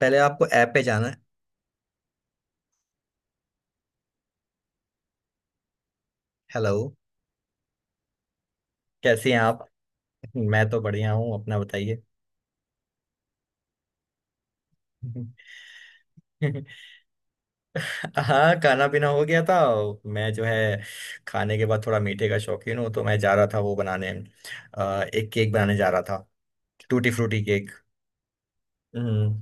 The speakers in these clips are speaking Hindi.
पहले आपको ऐप पे जाना है। हेलो। कैसी हैं आप? मैं तो बढ़िया हूँ, अपना बताइए। हाँ, खाना पीना हो गया था। मैं जो है, खाने के बाद थोड़ा मीठे का शौकीन हूँ, तो मैं जा रहा था वो बनाने। एक केक बनाने जा रहा था। Tutti frutti cake. हम्म।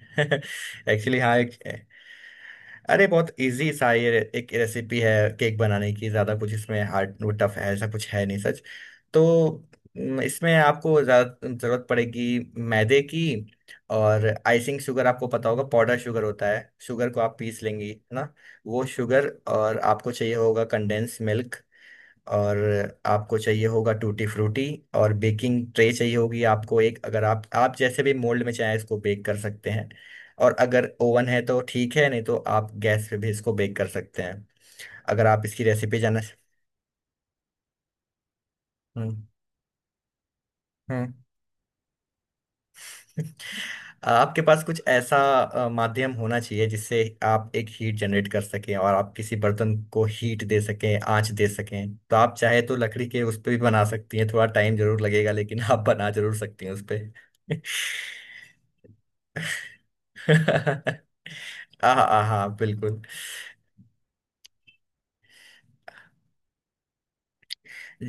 एक्चुअली हाँ एक। अरे बहुत इजी सा ये एक रेसिपी है केक बनाने की। ज़्यादा कुछ इसमें हार्ड वो टफ है ऐसा कुछ है नहीं, सच। तो इसमें आपको ज़्यादा ज़रूरत पड़ेगी मैदे की। और आइसिंग शुगर आपको पता होगा, पाउडर शुगर होता है, शुगर को आप पीस लेंगी, है ना? वो शुगर। और आपको चाहिए होगा कंडेंस मिल्क। और आपको चाहिए होगा टूटी फ्रूटी। और बेकिंग ट्रे चाहिए होगी आपको एक। अगर आप जैसे भी मोल्ड में चाहें इसको बेक कर सकते हैं। और अगर ओवन है तो ठीक है, नहीं तो आप गैस पे भी इसको बेक कर सकते हैं। अगर आप इसकी रेसिपी जानना। हम्म। हम्म। आपके पास कुछ ऐसा माध्यम होना चाहिए जिससे आप एक हीट जनरेट कर सकें और आप किसी बर्तन को हीट दे सकें, आंच दे सकें। तो आप चाहे तो लकड़ी के उस पे भी बना सकती हैं, थोड़ा टाइम जरूर लगेगा, लेकिन आप बना जरूर सकती हैं उस पे। हाँ, हाँ, हाँ, बिल्कुल।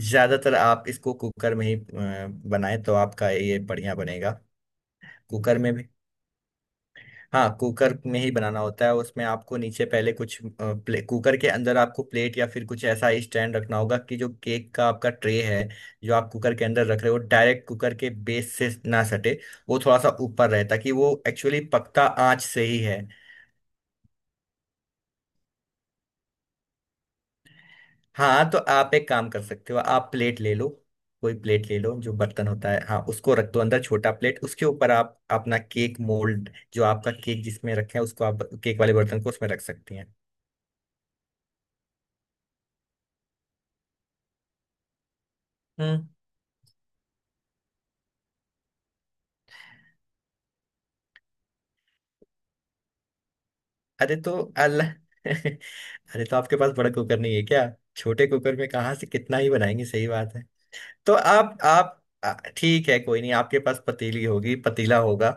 ज्यादातर आप इसको कुकर में ही बनाएं तो आपका ये बढ़िया बनेगा। कुकर में भी। हाँ कुकर में ही बनाना होता है। उसमें आपको नीचे पहले कुछ कुकर के अंदर आपको प्लेट या फिर कुछ ऐसा स्टैंड रखना होगा, कि जो केक का आपका ट्रे है, जो आप कुकर के अंदर रख रहे हो, डायरेक्ट कुकर के बेस से ना सटे। वो थोड़ा सा ऊपर रहे, ताकि वो एक्चुअली पकता आंच से ही है। हाँ, तो आप एक काम कर सकते हो, आप प्लेट ले लो। कोई प्लेट ले लो, जो बर्तन होता है, हाँ, उसको रख दो अंदर छोटा प्लेट, उसके ऊपर आप अपना केक मोल्ड, जो आपका केक जिसमें रखे हैं, उसको आप केक वाले बर्तन को उसमें रख सकती हैं। हम्म। अरे तो अल्लाह। अरे तो आपके पास बड़ा कुकर नहीं है क्या? छोटे कुकर में कहाँ से कितना ही बनाएंगे, सही बात है। तो आप ठीक है कोई नहीं, आपके पास पतीली होगी, पतीला होगा।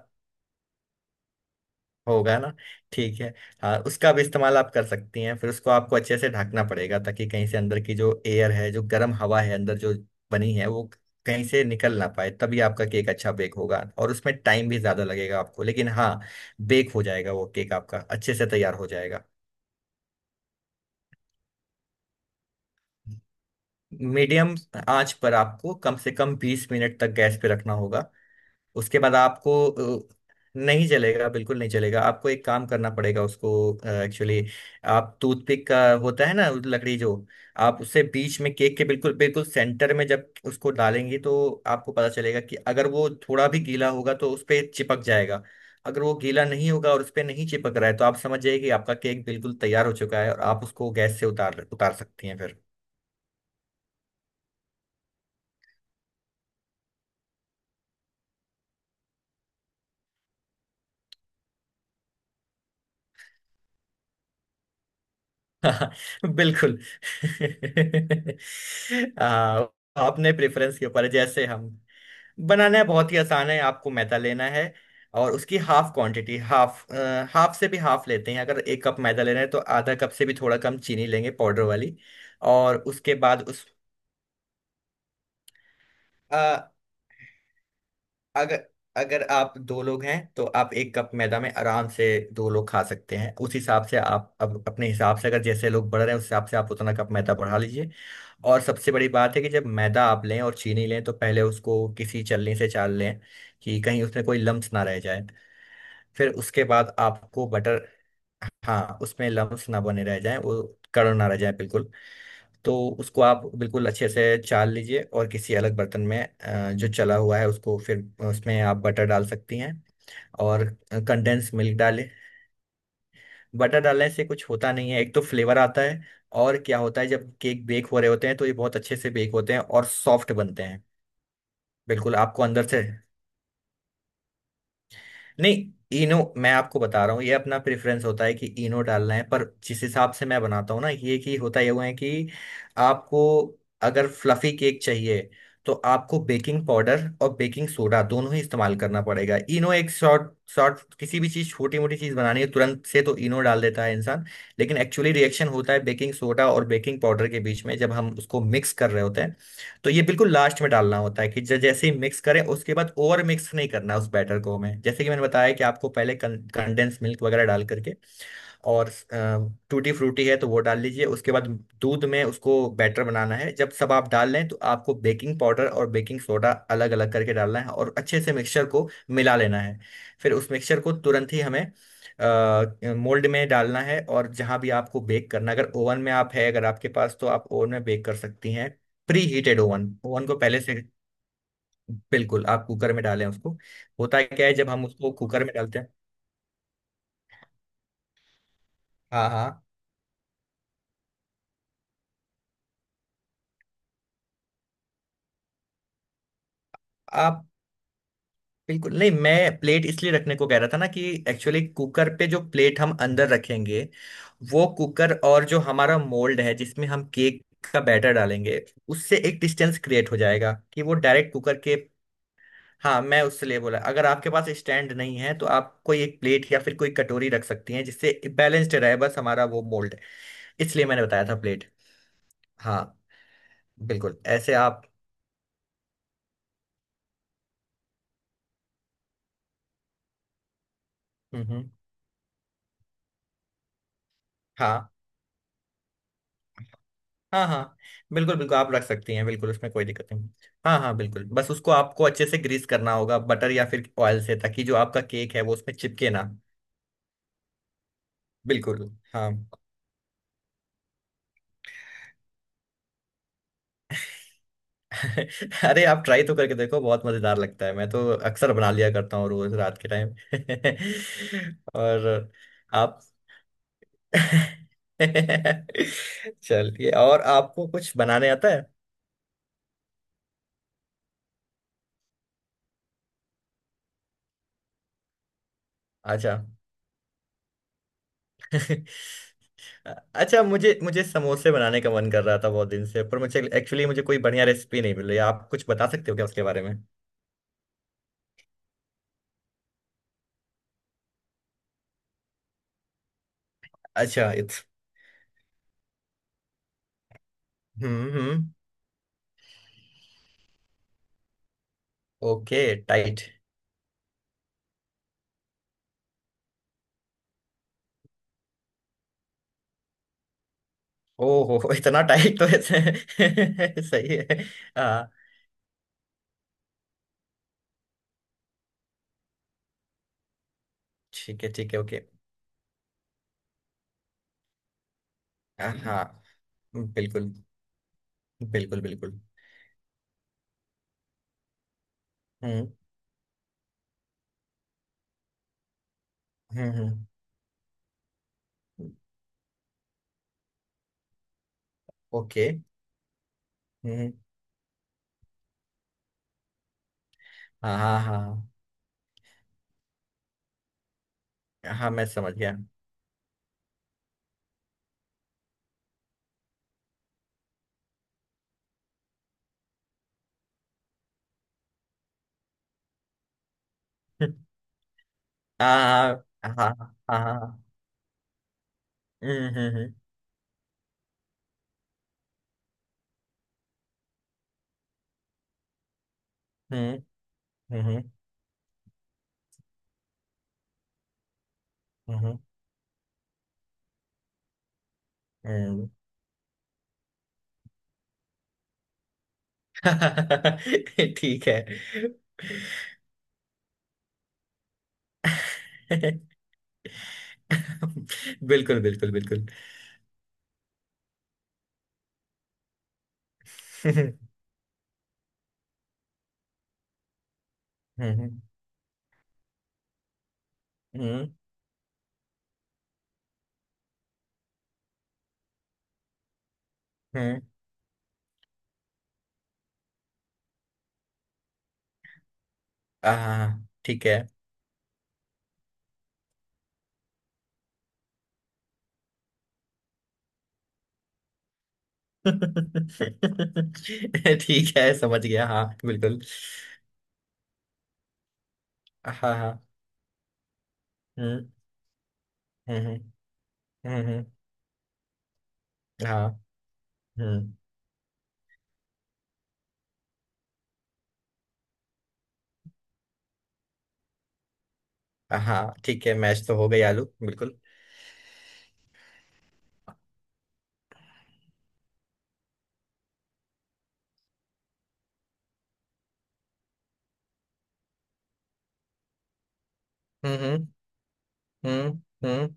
होगा ना? ठीक है। हाँ उसका भी इस्तेमाल आप कर सकती हैं। फिर उसको आपको अच्छे से ढकना पड़ेगा, ताकि कहीं से अंदर की जो एयर है, जो गर्म हवा है अंदर जो बनी है, वो कहीं से निकल ना पाए, तभी आपका केक अच्छा बेक होगा। और उसमें टाइम भी ज्यादा लगेगा आपको, लेकिन हाँ बेक हो जाएगा वो केक, आपका अच्छे से तैयार हो जाएगा। मीडियम आंच पर आपको कम से कम 20 मिनट तक गैस पे रखना होगा। उसके बाद आपको अ, नहीं चलेगा, बिल्कुल नहीं चलेगा। आपको एक काम करना पड़ेगा उसको, एक्चुअली आप टूथपिक का होता है ना, उस लकड़ी जो, आप उससे बीच में केक के बिल्कुल बिल्कुल सेंटर में जब उसको डालेंगे, तो आपको पता चलेगा कि अगर वो थोड़ा भी गीला होगा तो उस पे चिपक जाएगा। अगर वो गीला नहीं होगा और उस पे नहीं चिपक रहा है, तो आप समझ जाइए कि आपका केक बिल्कुल तैयार हो चुका है, और आप उसको गैस से उतार उतार सकती हैं फिर। बिल्कुल। आ, आपने प्रेफरेंस के ऊपर है, जैसे हम बनाना है, बहुत ही आसान है। आपको मैदा लेना है, और उसकी हाफ क्वांटिटी, हाफ, हाफ से भी हाफ लेते हैं। अगर एक कप मैदा ले रहे हैं तो आधा कप से भी थोड़ा कम चीनी लेंगे, पाउडर वाली। और उसके बाद उस अगर अगर आप दो लोग हैं तो आप एक कप मैदा में आराम से दो लोग खा सकते हैं। उस हिसाब से आप अब अपने हिसाब से, अगर जैसे लोग बढ़ रहे हैं उस हिसाब से आप उतना कप मैदा बढ़ा लीजिए। और सबसे बड़ी बात है कि जब मैदा आप लें और चीनी लें तो पहले उसको किसी छलनी से चाल लें, कि कहीं उसमें कोई लम्स ना रह जाए। फिर उसके बाद आपको बटर। हाँ उसमें लम्स ना बने रह जाए, वो कड़क ना रह जाए बिल्कुल। तो उसको आप बिल्कुल अच्छे से चाल लीजिए और किसी अलग बर्तन में जो चला हुआ है उसको फिर उसमें आप बटर डाल सकती हैं। और कंडेंस मिल्क डालें। बटर डालने से कुछ होता नहीं है, एक तो फ्लेवर आता है। और क्या होता है, जब केक बेक हो रहे होते हैं तो ये बहुत अच्छे से बेक होते हैं और सॉफ्ट बनते हैं। बिल्कुल आपको अंदर से नहीं। इनो मैं आपको बता रहा हूँ, ये अपना प्रेफरेंस होता है कि इनो डालना है। पर जिस हिसाब से मैं बनाता हूँ ना, ये कि होता ये हुआ है कि आपको अगर फ्लफी केक चाहिए तो आपको बेकिंग पाउडर और बेकिंग सोडा दोनों ही इस्तेमाल करना पड़ेगा। इनो एक शॉर्ट शॉर्ट किसी भी चीज़ छोटी मोटी चीज़ बनानी है तुरंत से, तो इनो डाल देता है इंसान। लेकिन एक्चुअली रिएक्शन होता है बेकिंग सोडा और बेकिंग पाउडर के बीच में जब हम उसको मिक्स कर रहे होते हैं, तो ये बिल्कुल लास्ट में डालना होता है। कि जैसे ही मिक्स करें उसके बाद ओवर मिक्स नहीं करना उस बैटर को। हमें जैसे कि मैंने बताया कि आपको पहले कंडेंस मिल्क वगैरह डाल करके और टूटी फ्रूटी है तो वो डाल लीजिए। उसके बाद दूध में उसको बैटर बनाना है। जब सब आप डाल लें तो आपको बेकिंग पाउडर और बेकिंग सोडा अलग अलग करके डालना है और अच्छे से मिक्सचर को मिला लेना है। फिर उस मिक्सचर को तुरंत ही हमें मोल्ड में डालना है। और जहाँ भी आपको बेक करना, अगर ओवन में आप है अगर आपके पास, तो आप ओवन में बेक कर सकती हैं। प्री हीटेड ओवन ओवन को पहले से बिल्कुल आप कुकर में डालें उसको। होता है क्या है जब हम उसको कुकर में डालते हैं। हाँ हाँ बिल्कुल नहीं, मैं प्लेट इसलिए रखने को कह रहा था ना कि एक्चुअली कुकर पे जो प्लेट हम अंदर रखेंगे, वो कुकर और जो हमारा मोल्ड है जिसमें हम केक का बैटर डालेंगे, उससे एक डिस्टेंस क्रिएट हो जाएगा कि वो डायरेक्ट कुकर के। हाँ मैं उससे लिए बोला, अगर आपके पास स्टैंड नहीं है तो आप कोई एक प्लेट या फिर कोई कटोरी रख सकती हैं, जिससे बैलेंस्ड रहे बस हमारा वो मोल्ड। इसलिए मैंने बताया था प्लेट। हाँ बिल्कुल ऐसे आप। हम्म। हाँ हाँ हाँ बिल्कुल बिल्कुल आप रख सकती हैं, बिल्कुल उसमें कोई दिक्कत नहीं। हाँ हाँ बिल्कुल, बस उसको आपको अच्छे से ग्रीस करना होगा बटर या फिर ऑयल से, ताकि जो आपका केक है वो उसमें चिपके ना। बिल्कुल। हाँ। अरे आप ट्राई तो करके देखो, बहुत मज़ेदार लगता है। मैं तो अक्सर बना लिया करता हूँ रोज रात के टाइम। और आप। चलिए, और आपको कुछ बनाने आता है? अच्छा। अच्छा, मुझे मुझे समोसे बनाने का मन कर रहा था बहुत दिन से, पर मुझे एक्चुअली मुझे कोई बढ़िया रेसिपी नहीं मिल रही। आप कुछ बता सकते हो क्या उसके बारे में? अच्छा इट्स। हम्म। हम्म। Okay tight. ओहो, इतना टाइट? तो ऐसे सही है। हाँ ठीक है ओके। हाँ बिल्कुल बिल्कुल बिल्कुल। हम्म। हम्म। हम्म। ओके। हम्म। हाँ हाँ हाँ। हाँ मैं समझ गया। हाँ हाँ हाँ हाँ हाँ। हम्म। हम्म। हम्म। हम्म। हम्म। हम्म। हम्म, हम्म। ठीक है। बिल्कुल बिल्कुल बिल्कुल। हम्म। हम्म। हम्म। हाँ ठीक है। ठीक है समझ गया, हाँ बिल्कुल। हाँ हाँ। हम्म। हम्म। हम्म। हम्म, हम्म। हाँ। हम्म। हाँ ठीक है, मैच तो हो गई आलू, बिल्कुल। हम्म। हम्म। हम्म। हम्म,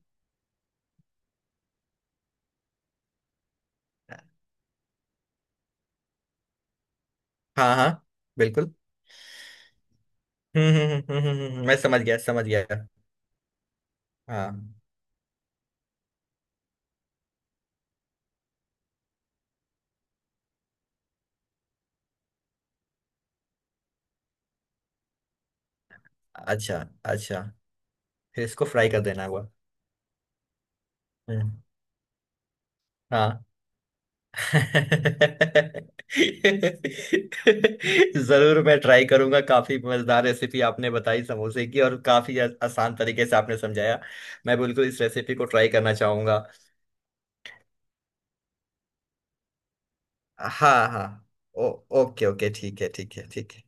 हाँ हाँ बिल्कुल। हम्म। हम्म। हम्म। मैं समझ गया समझ गया। हाँ। अच्छा अच्छा। फिर इसको फ्राई कर देना हुआ? हम्म। हाँ। जरूर मैं ट्राई करूंगा, काफी मजेदार रेसिपी आपने बताई समोसे की, और काफी आसान तरीके से आपने समझाया। मैं बिल्कुल इस रेसिपी को ट्राई करना चाहूंगा। हाँ हाँ। ओ। ओके ओके ठीक है ठीक है ठीक है।